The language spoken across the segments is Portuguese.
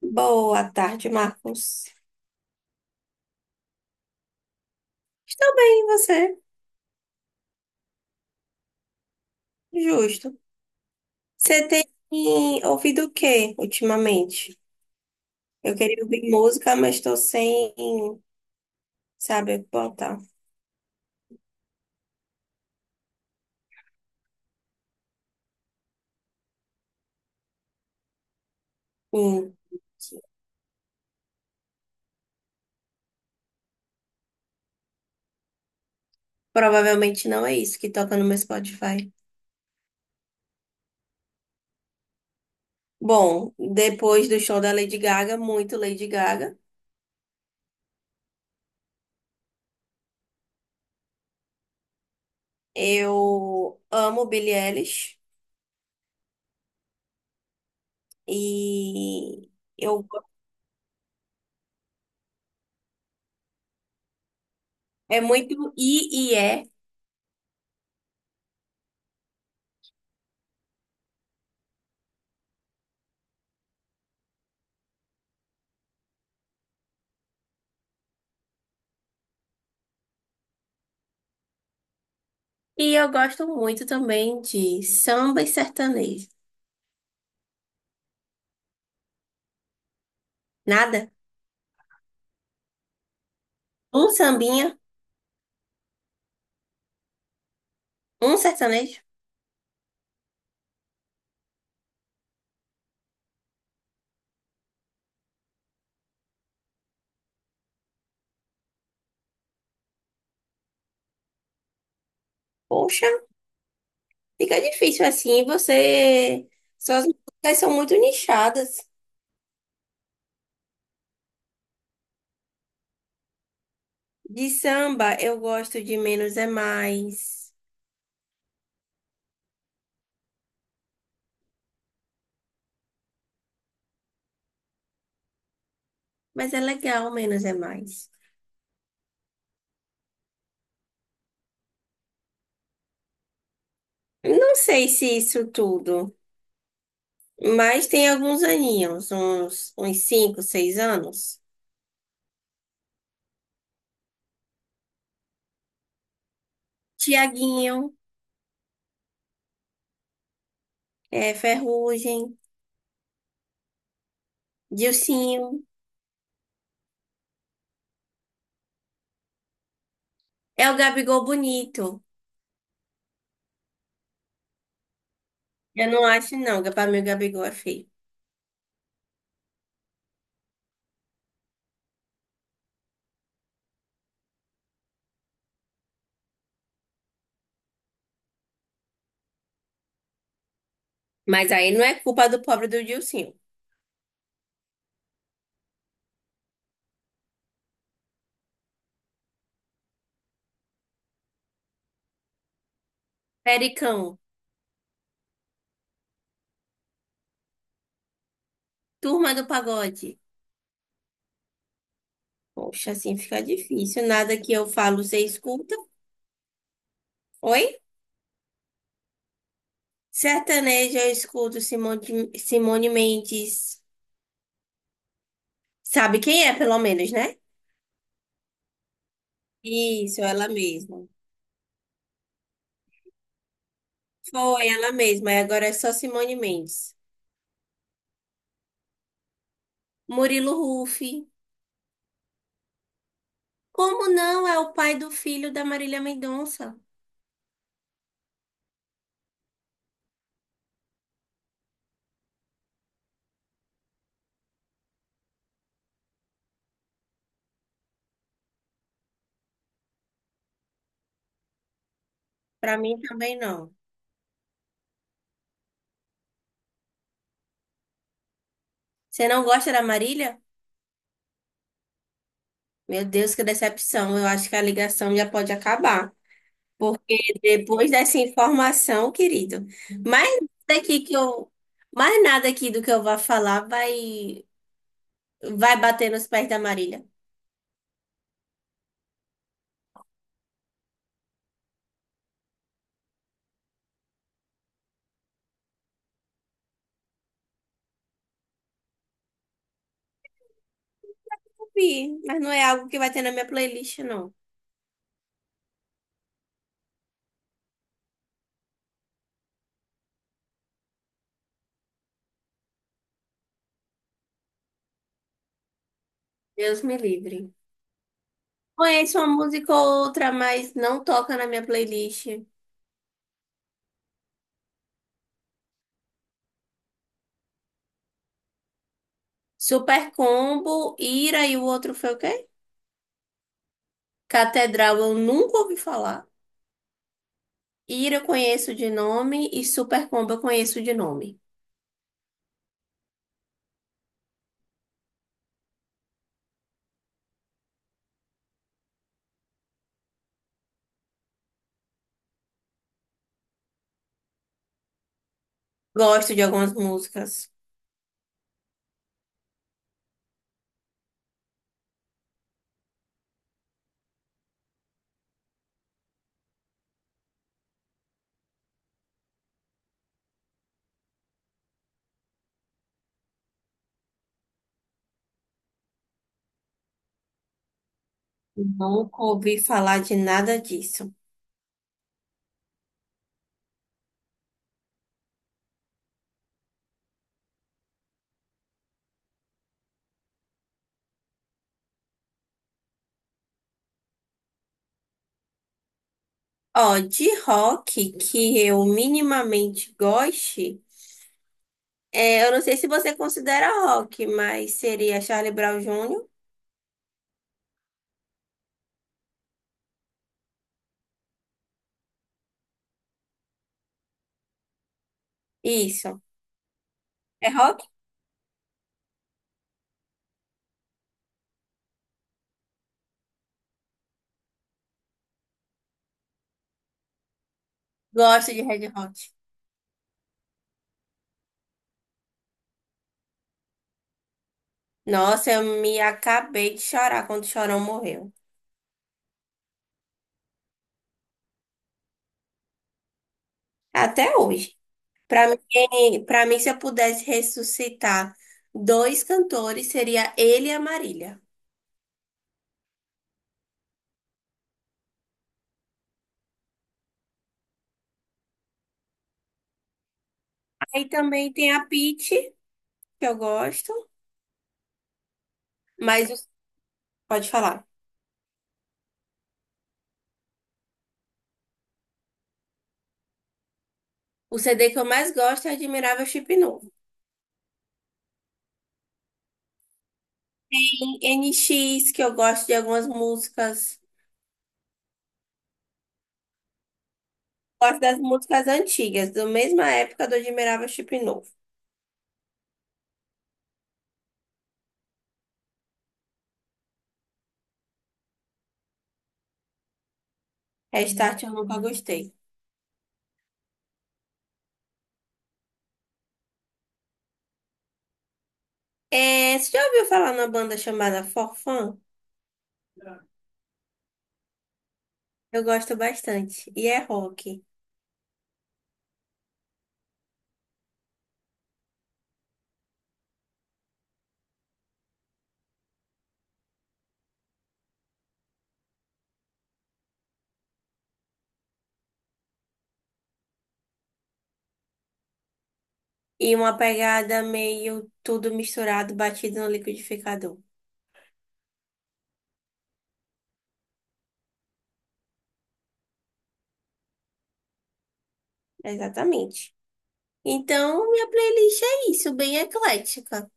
Boa tarde, Marcos. Estou bem, e você? Justo. Você tem ouvido o que ultimamente? Eu queria ouvir música, mas estou sem saber botar. Hum, provavelmente não é isso que toca no meu Spotify. Bom, depois do show da Lady Gaga, muito Lady Gaga. Eu amo Billie Eilish e eu é muito e é. E eu gosto muito também de samba e sertanejo. Nada? Um sambinha? Um sertanejo? Poxa, fica difícil assim. Você. Suas músicas são muito nichadas. De samba, eu gosto de Menos é Mais. Mas é legal, Menos é Mais. Não sei se isso tudo, mas tem alguns aninhos, uns cinco, seis anos. Tiaguinho, é, Ferrugem, Dilcinho. É o Gabigol bonito. Eu não acho, não. que Pra mim, o Gabigol é feio. Mas aí não é culpa do pobre do Dilcinho. Pericão, turma do pagode. Poxa, assim fica difícil. Nada que eu falo, você escuta. Oi? Sertanejo, eu escuto Simone, Simone Mendes. Sabe quem é, pelo menos, né? Isso, ela mesma. Foi ela mesma, e agora é só Simone Mendes. Murilo Huff. Como não é o pai do filho da Marília Mendonça? Pra mim também não. Você não gosta da Marília? Meu Deus, que decepção. Eu acho que a ligação já pode acabar. Porque depois dessa informação, querido, mais nada aqui que eu, mais nada aqui do que eu vá falar vai bater nos pés da Marília. Ouvi, mas não é algo que vai ter na minha playlist, não. Deus me livre. Conheço uma música ou outra, mas não toca na minha playlist. Super Combo, Ira e o outro foi o quê? Catedral eu nunca ouvi falar. Ira eu conheço de nome e Super Combo eu conheço de nome. Gosto de algumas músicas. Nunca ouvi falar de nada disso. Ó, de rock que eu minimamente goste, é, eu não sei se você considera rock, mas seria Charlie Brown júnior. Isso. É rock? Gosto de Red Hot. Nossa, eu me acabei de chorar quando o Chorão morreu. Até hoje. Pra mim, para mim, se eu pudesse ressuscitar dois cantores, seria ele e a Marília. Aí também tem a Pitty, que eu gosto, mas pode falar. O CD que eu mais gosto é Admirável Chip Novo. Em NX, que eu gosto de algumas músicas. Gosto das músicas antigas, da mesma época do Admirável Chip Novo. Restart eu nunca gostei. É, você já ouviu falar numa banda chamada Forfun? Eu gosto bastante. E é rock. E uma pegada meio tudo misturado, batido no liquidificador. Exatamente. Então, minha playlist é isso, bem eclética.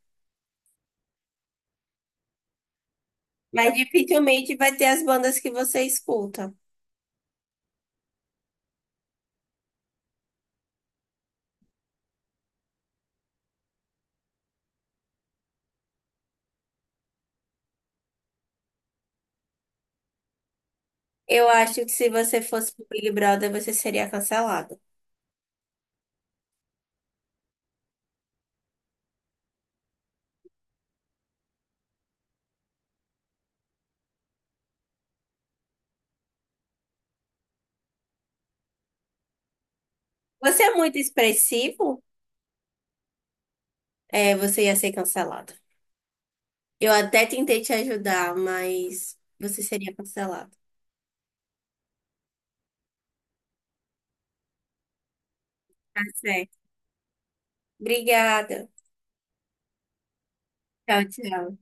Mas dificilmente vai ter as bandas que você escuta. Eu acho que se você fosse pro Big Brother, você seria cancelado. Você é muito expressivo, é, você ia ser cancelado. Eu até tentei te ajudar, mas você seria cancelado. Tá certo. Obrigada. Tchau, tchau.